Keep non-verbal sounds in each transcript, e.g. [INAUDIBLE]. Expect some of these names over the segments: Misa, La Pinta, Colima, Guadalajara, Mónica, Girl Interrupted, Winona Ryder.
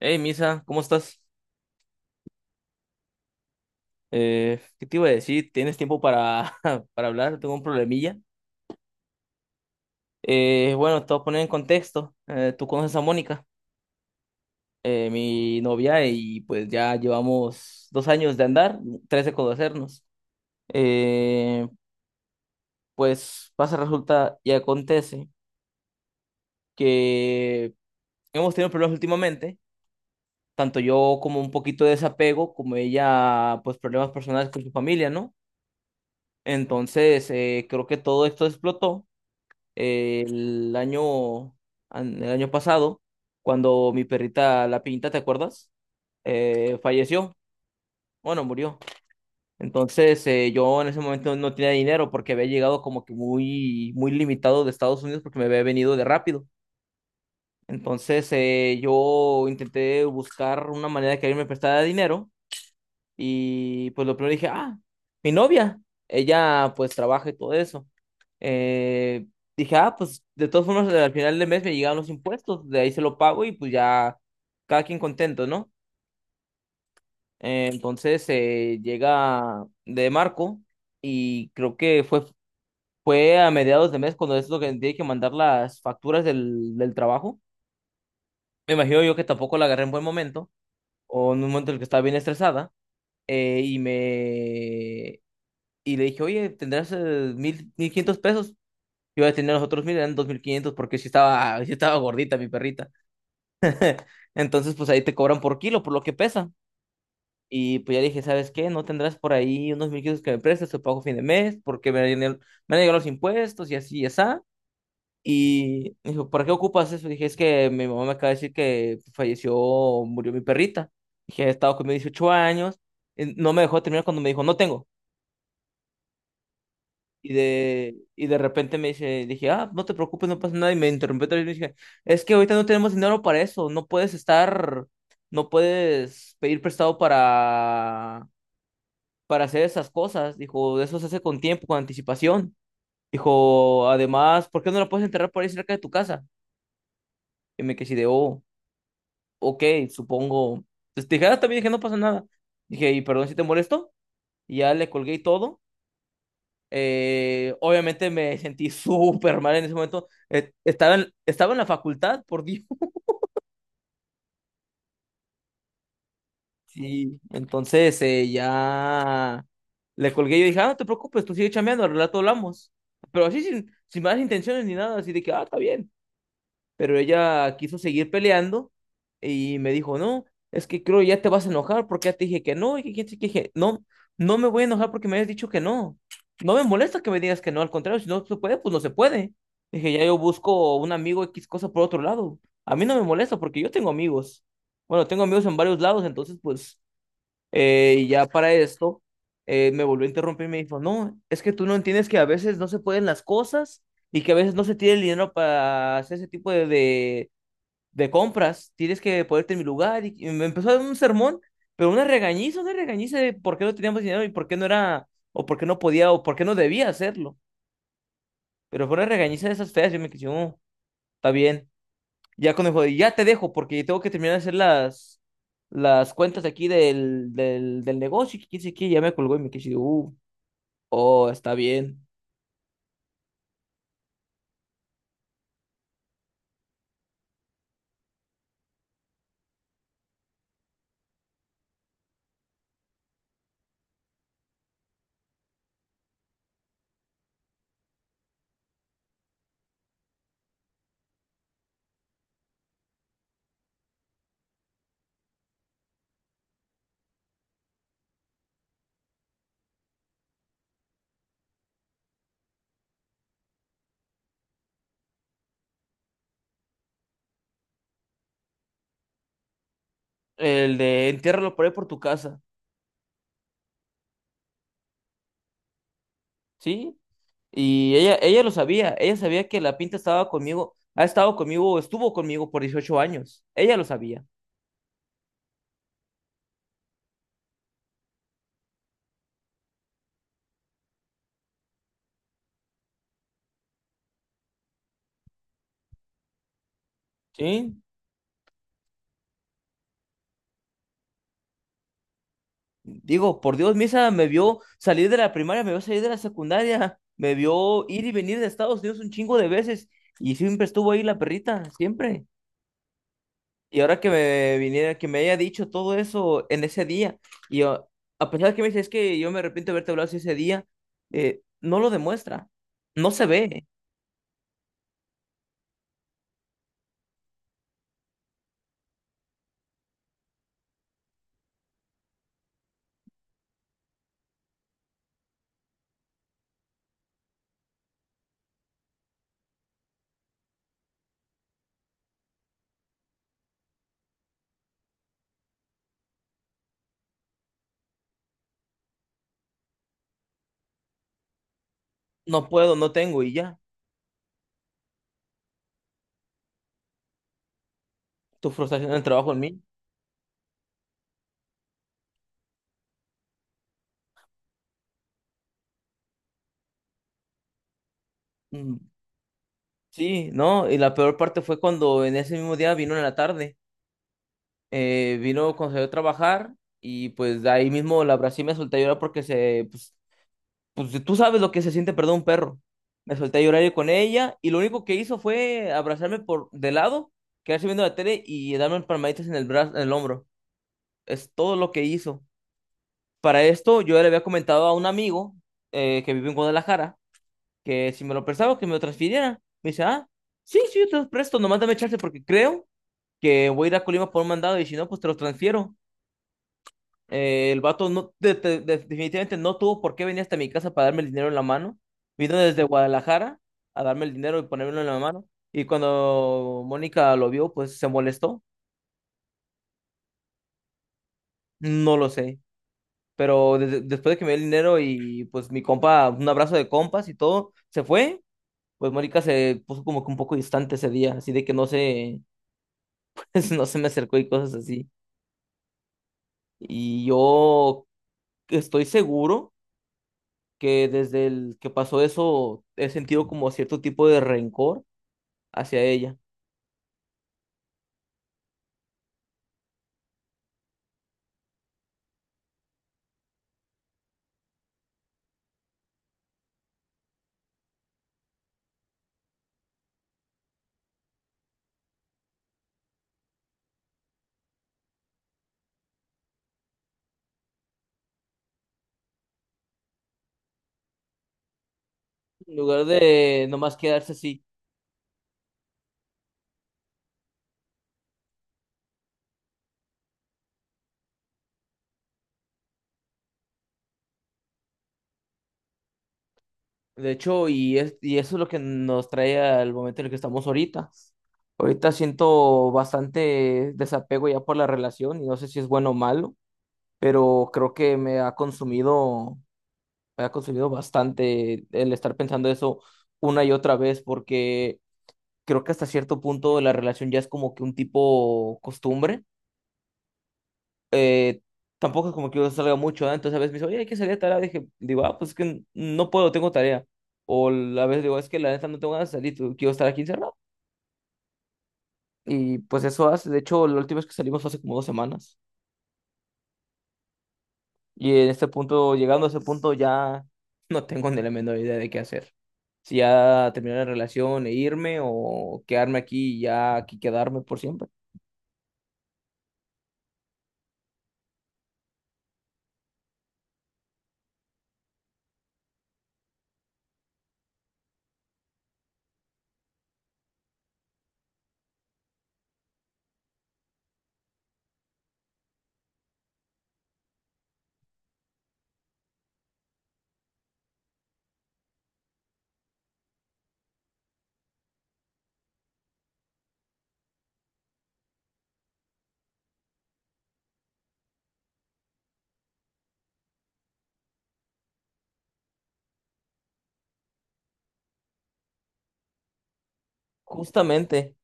Hey, Misa, ¿cómo estás? ¿Qué te iba a decir? ¿Tienes tiempo para, [LAUGHS] para hablar? Tengo un problemilla. Bueno, te voy a poner en contexto. Tú conoces a Mónica, mi novia, y pues ya llevamos 2 años de andar, tres de conocernos. Eh, pues pasa, resulta y acontece que hemos tenido problemas últimamente, tanto yo como un poquito de desapego, como ella, pues problemas personales con su familia, ¿no? Entonces, creo que todo esto explotó eh, el año, el año pasado, cuando mi perrita La Pinta, ¿te acuerdas? Falleció, bueno, murió. Entonces, yo en ese momento no tenía dinero porque había llegado como que muy, muy limitado de Estados Unidos porque me había venido de rápido. Entonces, yo intenté buscar una manera de que alguien me prestara dinero y pues lo primero dije, ah, mi novia, ella pues trabaja y todo eso. Eh, Dije, ah, pues de todas formas al final del mes me llegaban los impuestos, de ahí se lo pago y pues ya cada quien contento, ¿no? Entonces, llega de Marco y creo que fue a mediados de mes cuando es lo que tiene que mandar las facturas del trabajo. Me imagino yo que tampoco la agarré en buen momento o en un momento en el que estaba bien estresada. eh, y me Y le dije, oye, ¿tendrás 1,500 pesos? Yo ya tenía los otros 1,000, eran 2,500, porque sí estaba, [LAUGHS] sí estaba gordita mi perrita. Entonces, pues ahí te cobran por kilo, por lo que pesa. Y pues ya dije, ¿sabes qué? ¿No tendrás por ahí unos 1,500 que me prestes? Te pago fin de mes, porque me han llegado los impuestos y así y así. Y me dijo, ¿para qué ocupas eso? Dije, es que mi mamá me acaba de decir que falleció, murió mi perrita. Dije, he estado conmigo 18 años. No me dejó terminar cuando me dijo, no tengo. Y de repente me dice, dije, ah, no te preocupes, no pasa nada. Y me interrumpió otra vez y me dije, es que ahorita no tenemos dinero para eso, no puedes estar, no puedes pedir prestado para hacer esas cosas. Dijo, eso se hace con tiempo, con anticipación. Dijo, además, ¿por qué no la puedes enterrar por ahí cerca de tu casa? Y me quedé así de, oh, ok, supongo. Entonces dije, ah, también dije, no pasa nada. Dije, y perdón si te molesto. Y ya le colgué y todo. Obviamente me sentí [LAUGHS] súper mal en ese momento. Estaba en la facultad, por Dios. [LAUGHS] Sí, entonces ya le colgué y dije, ah, no te preocupes, tú sigue chambeando, al rato hablamos. Pero así sin malas intenciones ni nada, así de que, ah, está bien. Pero ella quiso seguir peleando y me dijo, no, es que creo ya te vas a enojar porque ya te dije que no, y que quién sabe qué. Dije, no, no me voy a enojar porque me hayas dicho que no. No me molesta que me digas que no, al contrario, si no se puede, pues no se puede. Dije, ya yo busco un amigo X cosa por otro lado. A mí no me molesta porque yo tengo amigos. Bueno, tengo amigos en varios lados, entonces pues y ya para esto, me volvió a interrumpir y me dijo, no, es que tú no entiendes que a veces no se pueden las cosas y que a veces no se tiene el dinero para hacer ese tipo de compras. Tienes que ponerte en mi lugar. Y me empezó a dar un sermón, pero una regañiza de por qué no teníamos dinero y por qué no era, o por qué no podía, o por qué no debía hacerlo. Pero fue una regañiza de esas feas. Yo me quedé, oh, está bien. Ya cuando me dijo, ya te dejo porque tengo que terminar de hacer las cuentas aquí del negocio. Y que quién sabe qué, ya me colgó y me quedé así de, oh, está bien. El de entiérralo por ahí por tu casa, ¿sí? Y ella lo sabía, ella sabía que la pinta estaba conmigo, ha estado conmigo, estuvo conmigo por 18 años, ella lo sabía, ¿sí? Digo, por Dios, Misa me vio salir de la primaria, me vio salir de la secundaria, me vio ir y venir de Estados Unidos un chingo de veces y siempre estuvo ahí la perrita, siempre. Y ahora que me viniera, que me haya dicho todo eso en ese día, y yo, a pesar de que me dice, es que yo me arrepiento de haberte hablado así ese día, no lo demuestra, no se ve, no puedo, no tengo, y ya, tu frustración en el trabajo en mí. Mm, sí, no, y la peor parte fue cuando en ese mismo día vino en la tarde, vino cuando salió a trabajar, y pues de ahí mismo la abracé y me solté a llorar porque pues si tú sabes lo que se siente perder un perro. Me solté a llorar yo con ella y lo único que hizo fue abrazarme por de lado, quedarse viendo la tele y darme palmaditas en el brazo, en el hombro. Es todo lo que hizo. Para esto yo ya le había comentado a un amigo que vive en Guadalajara que si me lo prestaba que me lo transfiriera. Me dice, ah, sí, sí, yo te los presto, nomás dame chance porque creo que voy a ir a Colima por un mandado y si no, pues te los transfiero. El vato no, definitivamente no tuvo por qué venir hasta mi casa para darme el dinero en la mano. Vino desde Guadalajara a darme el dinero y ponérmelo en la mano. Y cuando Mónica lo vio, pues se molestó. No lo sé. Pero después de que me dio el dinero y pues mi compa, un abrazo de compas y todo, se fue. Pues Mónica se puso como que un poco distante ese día, así de que no se, [LAUGHS] no se me acercó y cosas así. Y yo estoy seguro que desde el que pasó eso he sentido como cierto tipo de rencor hacia ella, en lugar de nomás quedarse así. De hecho, y eso es lo que nos trae al momento en el que estamos ahorita. Ahorita siento bastante desapego ya por la relación y no sé si es bueno o malo, pero creo que me ha consumido bastante el estar pensando eso una y otra vez porque creo que hasta cierto punto la relación ya es como que un tipo costumbre. eh, Tampoco es como que yo salga mucho, ¿ah? Entonces a veces me dice, oye, hay que salir a tal. Dije, digo, ah, pues es que no puedo, tengo tarea. O a veces digo, es que la neta no tengo ganas de salir, quiero estar aquí encerrado. Y pues eso hace, de hecho, la última vez que salimos fue hace como 2 semanas. Y en este punto, llegando a ese punto, ya [LAUGHS] no tengo ni la menor idea de qué hacer. Si ya terminar la relación e irme o quedarme aquí y ya aquí quedarme por siempre. Justamente.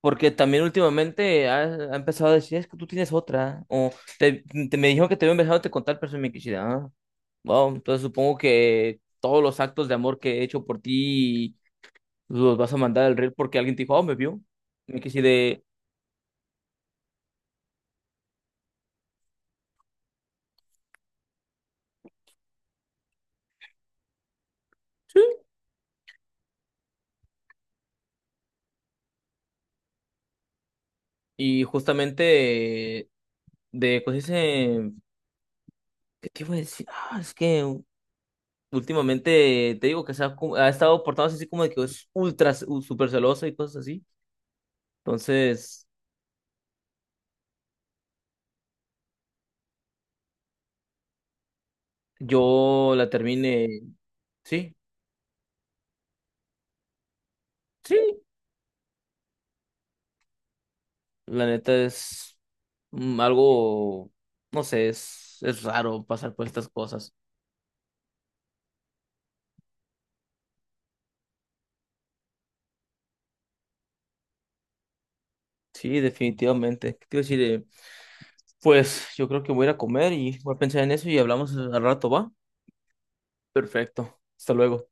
Porque también últimamente ha empezado a decir, es que tú tienes otra. Te, Me dijo que te había empezado a contar, pero se me quisiera. Ah, wow, entonces supongo que todos los actos de amor que he hecho por ti los vas a mandar al reel porque alguien te dijo, oh, me vio. Me quise de... Sí. Y justamente de cosas, ¿qué te iba a decir? Ah, es que últimamente te digo que ha estado portándose así como de que es super celosa y cosas así. Entonces... Yo la terminé, sí, sí, la neta es mm, algo, no sé, es raro pasar por estas cosas. Sí, definitivamente. ¿Qué te iba a decir? Pues yo creo que voy a ir a comer y voy a pensar en eso y hablamos al rato, ¿va? Perfecto. Hasta luego.